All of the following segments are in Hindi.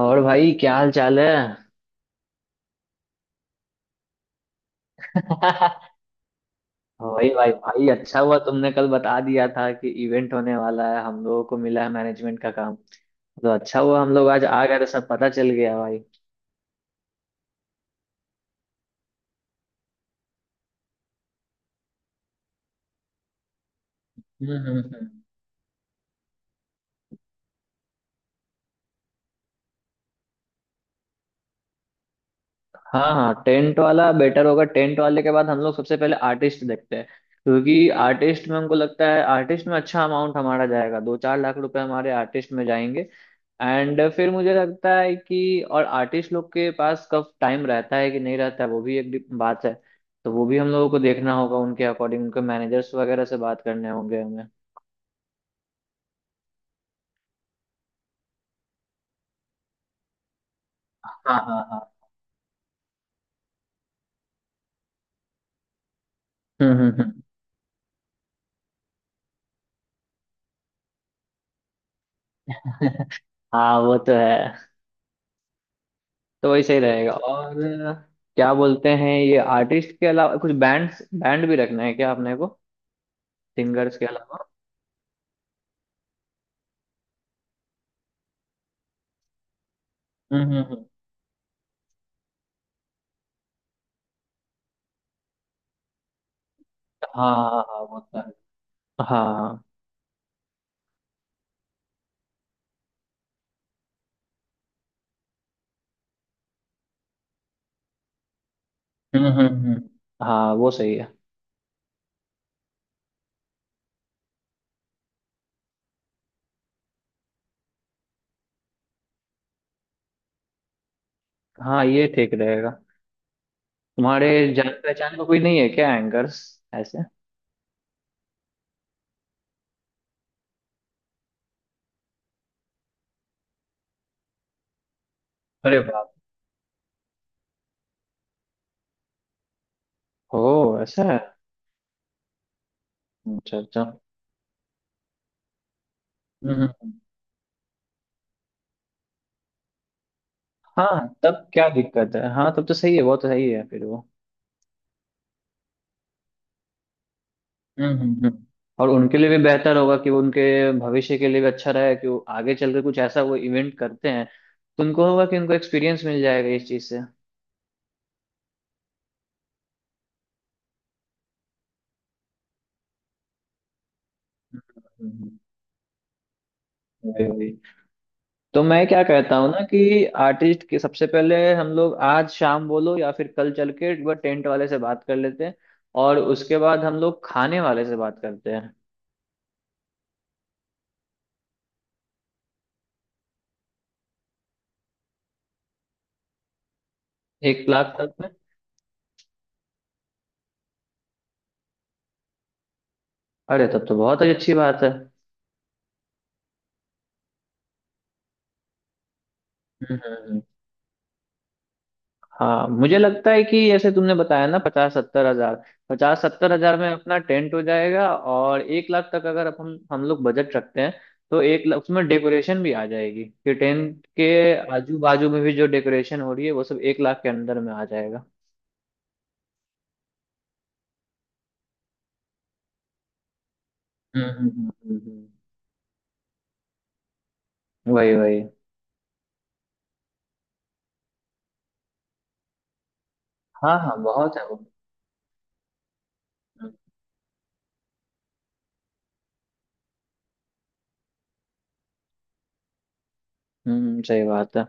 और भाई क्या हाल चाल है। वही भाई भाई अच्छा हुआ तुमने कल बता दिया था कि इवेंट होने वाला है, हम लोगों को मिला है मैनेजमेंट का काम। तो अच्छा हुआ हम लोग आज आ गए तो सब पता चल गया भाई। हम्म हम्म हम्म। हाँ हाँ, टेंट वाला बेटर होगा। टेंट वाले के बाद हम लोग सबसे पहले आर्टिस्ट देखते हैं, क्योंकि आर्टिस्ट में हमको लगता है आर्टिस्ट में अच्छा अमाउंट हमारा जाएगा। 2-4 लाख रुपए हमारे आर्टिस्ट में जाएंगे। एंड फिर मुझे लगता है कि और आर्टिस्ट लोग के पास कब टाइम रहता है कि नहीं रहता है, वो भी एक बात है। तो वो भी हम लोगों को देखना होगा, उनके अकॉर्डिंग उनके मैनेजर्स वगैरह से बात करने होंगे हमें। हाँ हाँ हाँ। हम्म। हाँ वो तो है। तो वही सही रहेगा। और क्या बोलते हैं ये आर्टिस्ट के अलावा कुछ बैंड्स बैंड भी रखना है क्या अपने को, सिंगर्स के अलावा? हम्म। हाँ हाँ हाँ वो तो है। हाँ। हम्म हम्म, हम्म। हाँ वो सही है। हाँ ये ठीक रहेगा। तुम्हारे जान पहचान का कोई नहीं है क्या एंकर्स ऐसे? अरे बाप। ओ ऐसा है। अच्छा अच्छा हम्म। हम्म, हम्म। हाँ तब क्या दिक्कत है। हाँ तब तो सही है, वो तो सही है फिर वो। हम्म हम्म हम्म। और उनके लिए भी बेहतर होगा कि वो उनके भविष्य के लिए भी अच्छा रहे कि वो आगे चल के कुछ ऐसा वो इवेंट करते हैं, तो उनको होगा कि उनको एक्सपीरियंस मिल जाएगा इस चीज़ से। हम्म। वही वही। तो मैं क्या कहता हूँ ना कि आर्टिस्ट के सबसे पहले हम लोग आज शाम बोलो या फिर कल चल के एक बार टेंट वाले से बात कर लेते हैं। और उसके बाद हम लोग खाने वाले से बात करते हैं। 1 लाख तक में। अरे तब तो बहुत ही अच्छी बात है। हम्म। हाँ मुझे लगता है कि जैसे तुमने बताया ना, 50-70 हजार, 50-70 हजार में अपना टेंट हो जाएगा। और 1 लाख तक अगर अपन हम लोग बजट रखते हैं, तो 1 लाख उसमें डेकोरेशन भी आ जाएगी कि टेंट के आजू बाजू में भी जो डेकोरेशन हो रही है वो सब 1 लाख के अंदर में आ जाएगा। हम्म हम्म हम्म हम्म, हम्म। वही वही। हाँ हाँ बहुत है वो। हम्म सही बात है।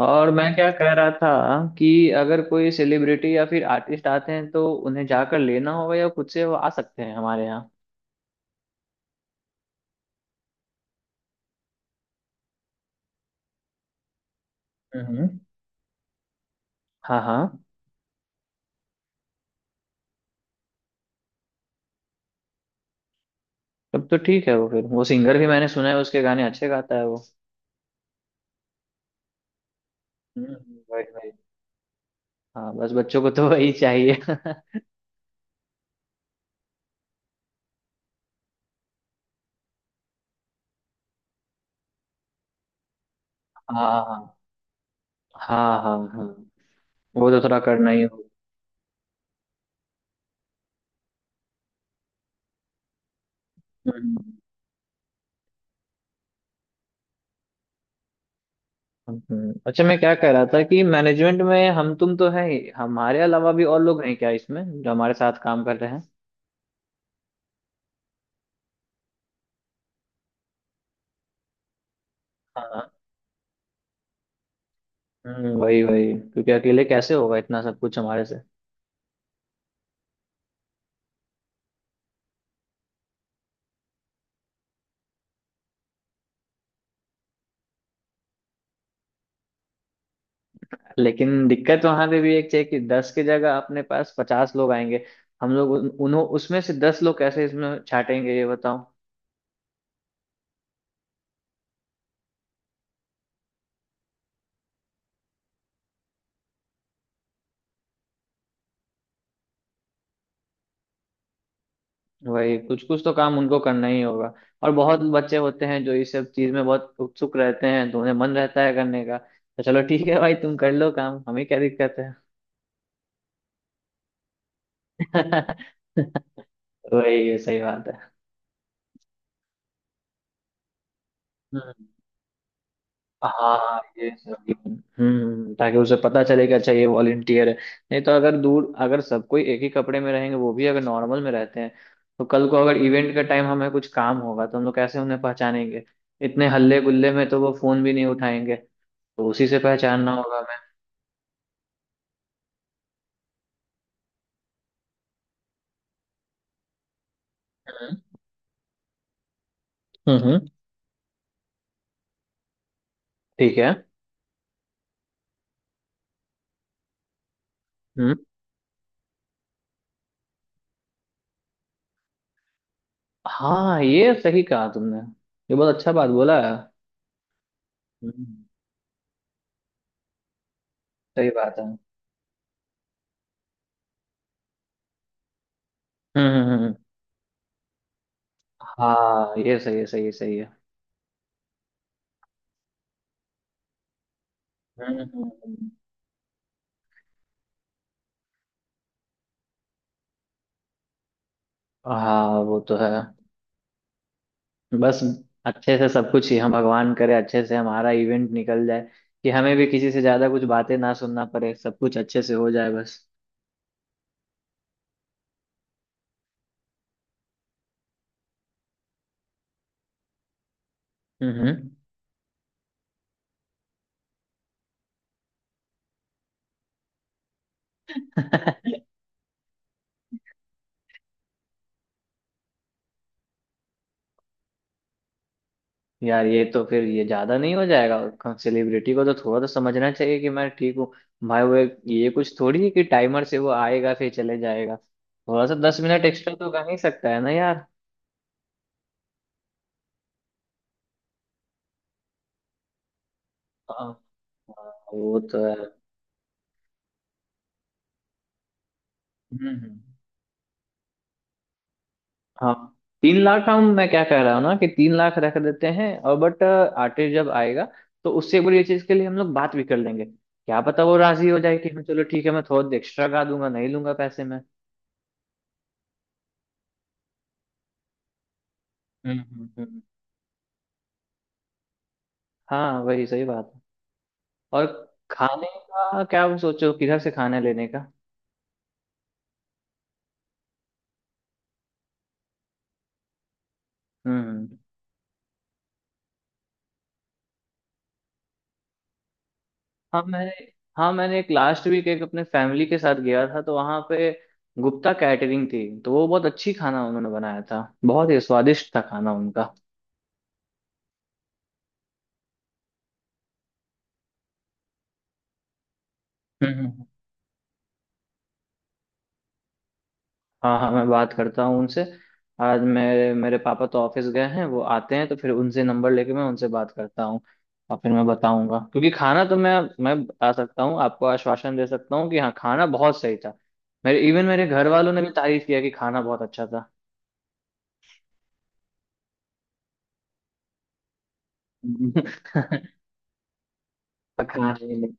और मैं क्या कह रहा था कि अगर कोई सेलिब्रिटी या फिर आर्टिस्ट आते हैं तो उन्हें जाकर लेना होगा या खुद से वो आ सकते हैं हमारे यहाँ? हाँ हाँ। तब तो ठीक है वो। फिर वो सिंगर भी मैंने सुना है, उसके गाने अच्छे गाता है वो। हम्म। वही वही। हाँ बस बच्चों को तो वही चाहिए। हाँ हाँ हाँ हाँ। हाँ वो तो थोड़ा करना ही होगा। हम्म, अच्छा मैं क्या कह रहा था कि मैनेजमेंट में हम तुम तो हैं ही, हमारे अलावा भी और लोग हैं क्या इसमें जो हमारे साथ काम कर रहे हैं? हाँ। वही वही, क्योंकि अकेले कैसे होगा इतना सब कुछ हमारे से। लेकिन दिक्कत वहां पे भी एक है कि 10 की जगह अपने पास 50 लोग आएंगे। हम लोग उन्हों उसमें से 10 लोग कैसे इसमें छाटेंगे ये बताओ। वही, कुछ कुछ तो काम उनको करना ही होगा। और बहुत बच्चे होते हैं जो इस सब चीज में बहुत उत्सुक रहते हैं, तो उन्हें मन रहता है करने का। तो चलो ठीक है भाई तुम कर लो काम, हमें क्या दिक्कत है। वही, ये सही बात है। हाँ ये सब भी। हम्म, ताकि उसे पता चले कि अच्छा ये वॉलंटियर है। नहीं तो अगर दूर अगर सब कोई एक ही कपड़े में रहेंगे, वो भी अगर नॉर्मल में रहते हैं, तो कल को अगर इवेंट का टाइम हमें कुछ काम होगा तो हम लोग कैसे उन्हें पहचानेंगे। इतने हल्ले गुल्ले में तो वो फोन भी नहीं उठाएंगे। तो उसी से पहचानना होगा हमें। हम्म हम्म, हम्म, ठीक है। हम्म। हाँ ये सही कहा तुमने, ये बहुत अच्छा बात बोला है। हम्म, सही बात है। हम्म। हाँ ये सही है, सही है, सही है। हम्म हम्म, हम्म। हाँ वो तो है। बस अच्छे से सब कुछ ही, हम भगवान करे अच्छे से हमारा इवेंट निकल जाए, कि हमें भी किसी से ज्यादा कुछ बातें ना सुनना पड़े, सब कुछ अच्छे से हो जाए बस। हम्म। यार ये तो फिर ये ज्यादा नहीं हो जाएगा? सेलिब्रिटी को तो थोड़ा तो समझना चाहिए कि मैं ठीक हूँ। भाई वो ये कुछ थोड़ी है कि टाइमर से वो आएगा फिर चले जाएगा। थोड़ा सा 10 मिनट एक्स्ट्रा तो कर ही सकता है ना यार। हाँ हाँ, वो तो है। हम्म हम्म। हाँ। 3 लाख, हम मैं क्या कह रहा हूँ ना कि 3 लाख रख देते हैं, और बट आर्टिस्ट जब आएगा तो उससे एक बार ये चीज के लिए हम लोग बात भी कर लेंगे, क्या पता वो राजी हो जाए कि हाँ चलो ठीक है मैं थोड़ा एक्स्ट्रा गा दूंगा, नहीं लूंगा पैसे में। हम्म हम्म हम्म। हाँ वही सही बात है। और खाने का क्या, आप सोचो किधर से खाने लेने का। हम्म। हाँ मैंने, हाँ मैंने एक लास्ट वीक एक अपने फैमिली के साथ गया था, तो वहाँ पे गुप्ता कैटरिंग थी तो वो बहुत अच्छी, खाना उन्होंने बनाया था बहुत ही स्वादिष्ट था, खाना उनका। हम्म। हाँ हाँ मैं बात करता हूँ उनसे। आज मेरे मेरे पापा तो ऑफिस गए हैं, वो आते हैं तो फिर उनसे नंबर लेके मैं उनसे बात करता हूँ। और फिर मैं बताऊंगा, क्योंकि खाना तो मैं बता सकता हूँ आपको, आश्वासन दे सकता हूँ कि हाँ खाना बहुत सही था। मेरे इवन मेरे घर वालों ने भी तारीफ किया कि खाना बहुत अच्छा था। पर खाना ही नहीं,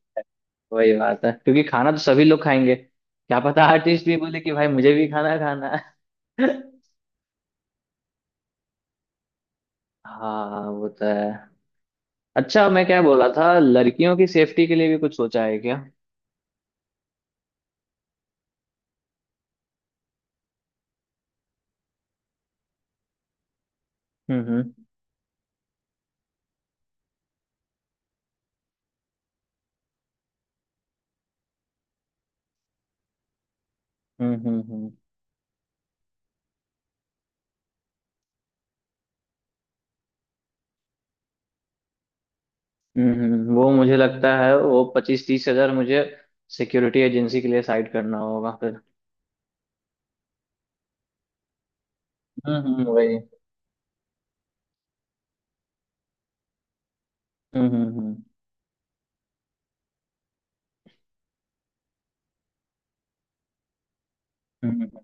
वही बात है क्योंकि खाना तो सभी लोग खाएंगे। क्या पता आर्टिस्ट भी बोले कि भाई मुझे भी खाना खाना है। हाँ वो तो है। अच्छा मैं क्या बोला था, लड़कियों की सेफ्टी के लिए भी कुछ सोचा है क्या? हम्म हम्म हम्म हम्म हम्म, हम्म। वो मुझे लगता है वो 25-30 हजार मुझे सिक्योरिटी एजेंसी के लिए साइड करना होगा फिर। वही। हम्म हम्म हम्म हम्म, हम्म।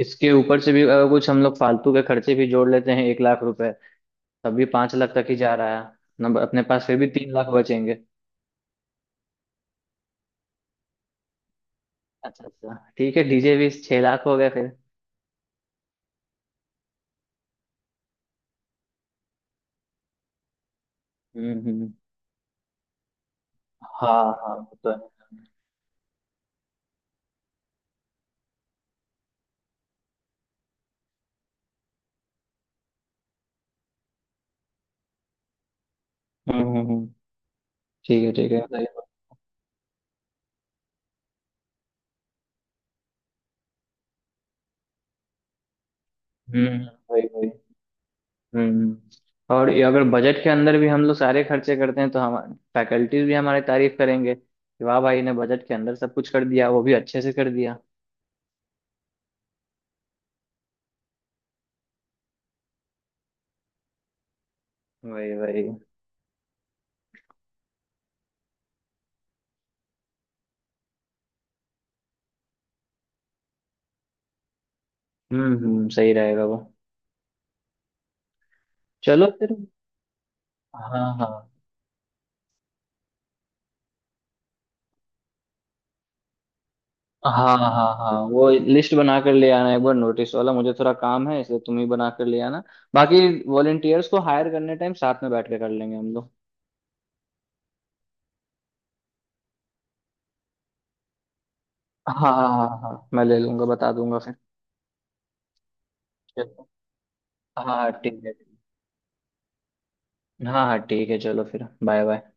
इसके ऊपर से भी अगर कुछ हम लोग फालतू के खर्चे भी जोड़ लेते हैं 1 लाख रुपए, तब भी 5 लाख तक ही जा रहा है नंबर। अपने पास फिर भी 3 लाख बचेंगे। अच्छा अच्छा ठीक है, डीजे भी, 6 लाख हो गए फिर। हम्म। हाँ हाँ वो तो है। हम्म हम्म हम्म, ठीक है ठीक है सही बात। हम्म वही वही। हम्म। और ये अगर बजट के अंदर भी हम लोग सारे खर्चे करते हैं तो हम फैकल्टीज भी हमारी तारीफ करेंगे कि वाह भाई ने बजट के अंदर सब कुछ कर दिया, वो भी अच्छे से कर दिया। वही वही। सही रहेगा वो। चलो फिर। हाँ हाँ हाँ हाँ। हाँ वो लिस्ट बना कर ले आना एक बार, नोटिस वाला, मुझे थोड़ा काम है इसलिए तुम ही बना कर ले आना। बाकी वॉलेंटियर्स को हायर करने टाइम साथ में बैठ के कर लेंगे हम लोग। हाँ हाँ हाँ हाँ मैं ले लूंगा, बता दूंगा फिर। चलो, हाँ हाँ ठीक है। हाँ हाँ ठीक है, चलो फिर बाय बाय।